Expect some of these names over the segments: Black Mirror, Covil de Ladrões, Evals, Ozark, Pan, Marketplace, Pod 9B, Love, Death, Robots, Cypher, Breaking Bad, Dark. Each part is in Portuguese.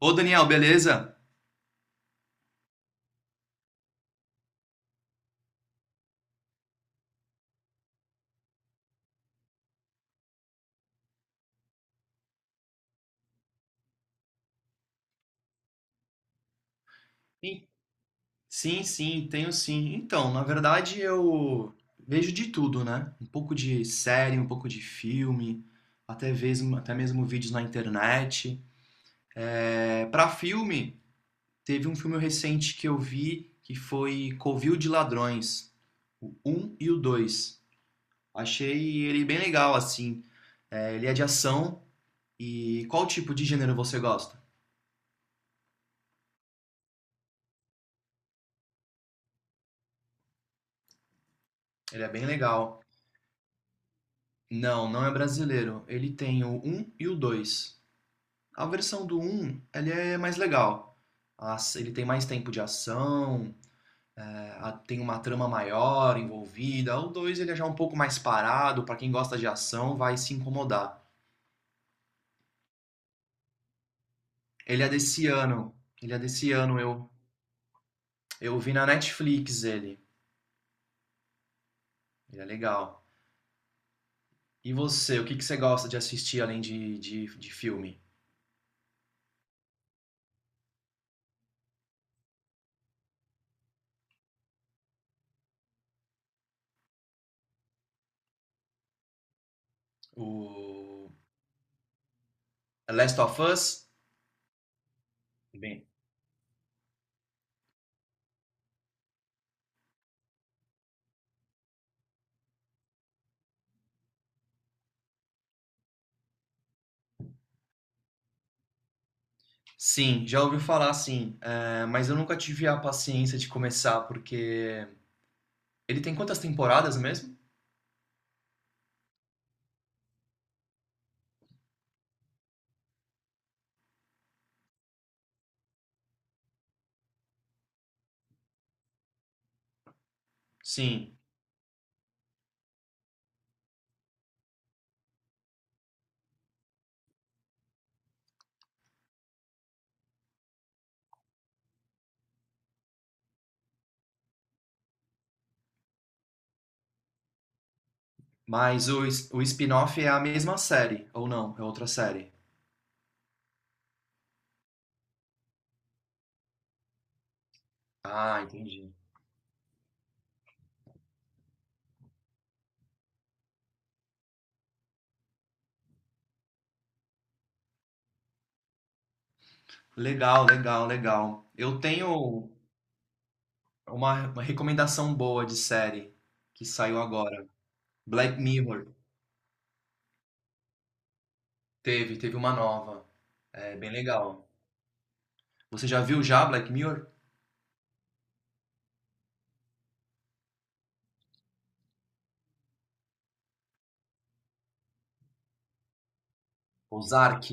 Ô Daniel, beleza? Sim, sim, tenho sim. Então, na verdade eu vejo de tudo, né? Um pouco de série, um pouco de filme, até mesmo vídeos na internet. É, para filme, teve um filme recente que eu vi que foi Covil de Ladrões, o um e o 2. Achei ele bem legal, assim. É, ele é de ação. E qual tipo de gênero você gosta? Ele é bem legal. Não, não é brasileiro. Ele tem o um e o 2. A versão do um, ele é mais legal. Ele tem mais tempo de ação, é, tem uma trama maior envolvida. O 2, ele é já um pouco mais parado, pra quem gosta de ação, vai se incomodar. Ele é desse ano. Ele é desse ano, eu vi na Netflix ele. Ele é legal. E você, o que que você gosta de assistir além de filme? O Last of Us? Bem, sim, já ouvi falar sim, mas eu nunca tive a paciência de começar, porque ele tem quantas temporadas mesmo? Sim, mas o spin-off é a mesma série, ou não? É outra série. Ah, entendi. Legal, legal, legal. Eu tenho uma recomendação boa de série que saiu agora. Black Mirror. Teve, teve uma nova. É bem legal. Você já viu já Black Mirror? Ozark.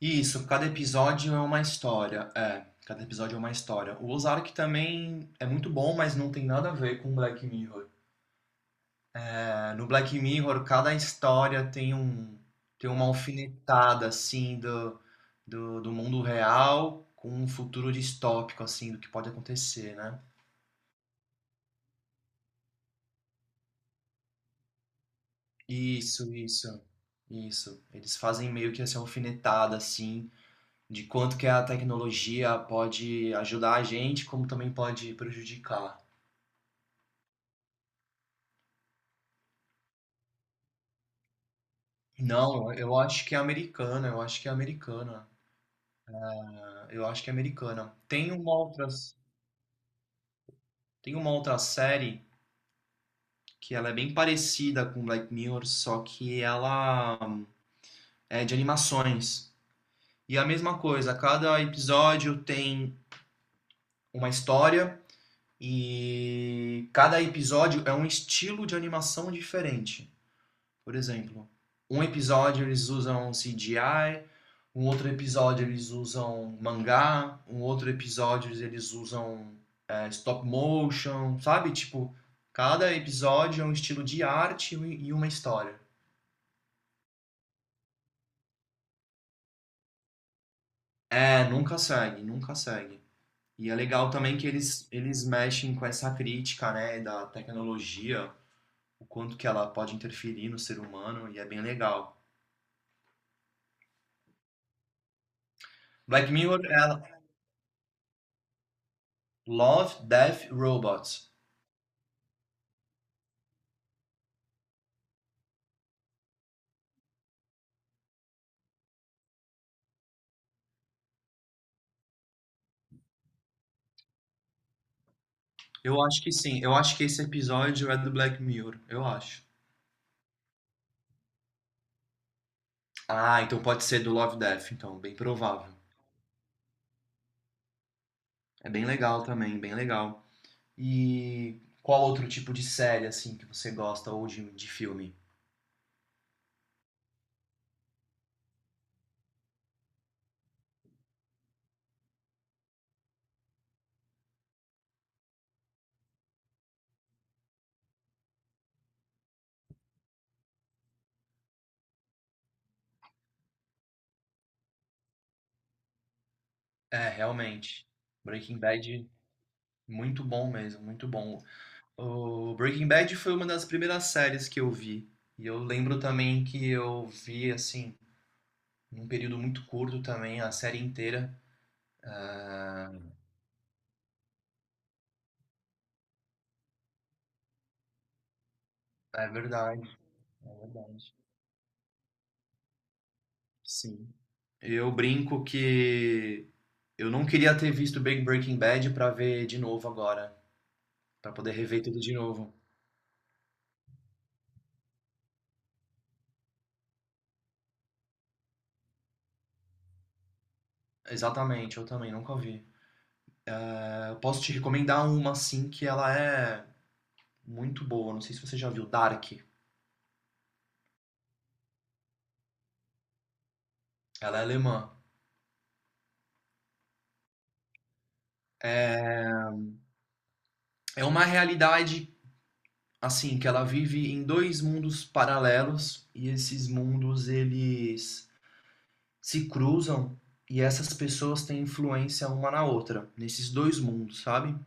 Isso, cada episódio é uma história. É, cada episódio é uma história. O Ozark também é muito bom, mas não tem nada a ver com Black Mirror. É, no Black Mirror, cada história tem um tem uma alfinetada assim do mundo real com um futuro distópico assim do que pode acontecer, né? Isso, isso, isso. Eles fazem meio que essa alfinetada assim de quanto que a tecnologia pode ajudar a gente, como também pode prejudicar. Não, eu acho que é americana. Ah, eu acho que é americana. Tem uma outra série que ela é bem parecida com Black Mirror, só que ela é de animações. E é a mesma coisa, cada episódio tem uma história e cada episódio é um estilo de animação diferente. Por exemplo, um episódio eles usam CGI, um outro episódio eles usam mangá, um outro episódio eles usam stop motion, sabe? Tipo, cada episódio é um estilo de arte e uma história. É, nunca segue. E é legal também que eles mexem com essa crítica, né, da tecnologia, o quanto que ela pode interferir no ser humano, e é bem legal. Black Mirror é Love, Death, Robots. Eu acho que sim. Eu acho que esse episódio é do Black Mirror. Eu acho. Ah, então pode ser do Love Death, então. Bem provável. É bem legal também, bem legal. E qual outro tipo de série, assim, que você gosta ou de filme? É, realmente. Breaking Bad, muito bom. O Breaking Bad foi uma das primeiras séries que eu vi. E eu lembro também que eu vi, assim, num período muito curto também, a série inteira. Ah, é verdade, é verdade. Sim. Eu brinco que eu não queria ter visto Big Breaking Bad pra ver de novo agora, pra poder rever tudo de novo. Exatamente, eu também nunca vi. Eu posso te recomendar uma assim que ela é muito boa, não sei se você já viu, Dark. Ela é alemã. É, é uma realidade assim que ela vive em dois mundos paralelos e esses mundos eles se cruzam e essas pessoas têm influência uma na outra nesses dois mundos, sabe?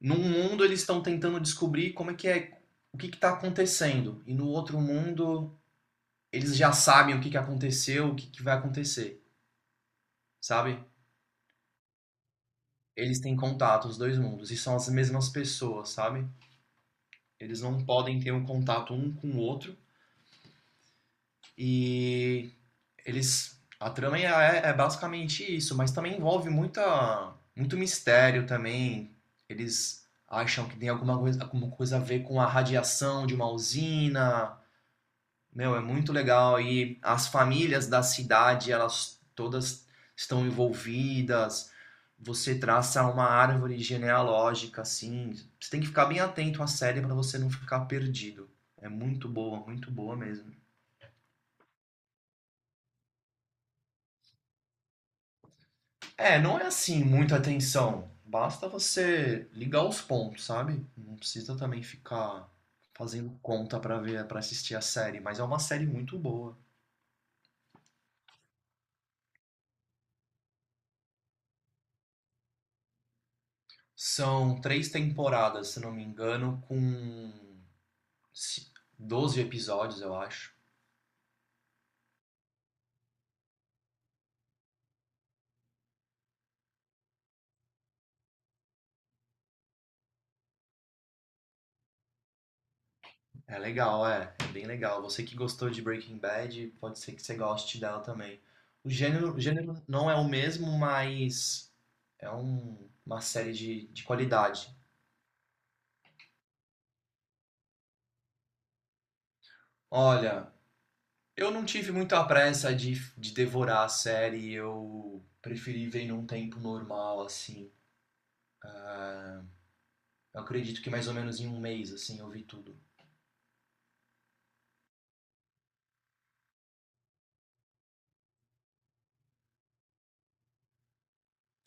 Num mundo eles estão tentando descobrir como é que é, o que está acontecendo. E no outro mundo eles já sabem o que que aconteceu, o que que vai acontecer, sabe? Eles têm contato, os dois mundos, e são as mesmas pessoas, sabe? Eles não podem ter um contato um com o outro. E eles. A trama é basicamente isso, mas também envolve muito mistério também. Eles acham que tem alguma coisa a ver com a radiação de uma usina. Meu, é muito legal, e as famílias da cidade, elas todas estão envolvidas. Você traça uma árvore genealógica assim. Você tem que ficar bem atento à série para você não ficar perdido. Muito boa mesmo. É, não é assim muita atenção. Basta você ligar os pontos, sabe? Não precisa também ficar fazendo conta para ver, para assistir a série, mas é uma série muito boa. São três temporadas, se não me engano, com 12 episódios, eu acho. É legal, é. É bem legal. Você que gostou de Breaking Bad, pode ser que você goste dela também. O gênero não é o mesmo, mas uma série de qualidade. Olha, eu não tive muita pressa de devorar a série. Eu preferi ver num tempo normal, assim. Eu acredito que mais ou menos em um mês, assim, eu vi tudo.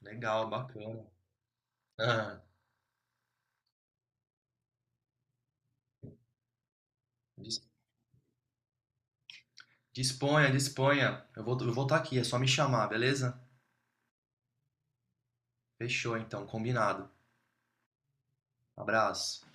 Legal, bacana. Ah, dis- disponha. Eu vou estar aqui, é só me chamar, beleza? Fechou, então, combinado. Abraço.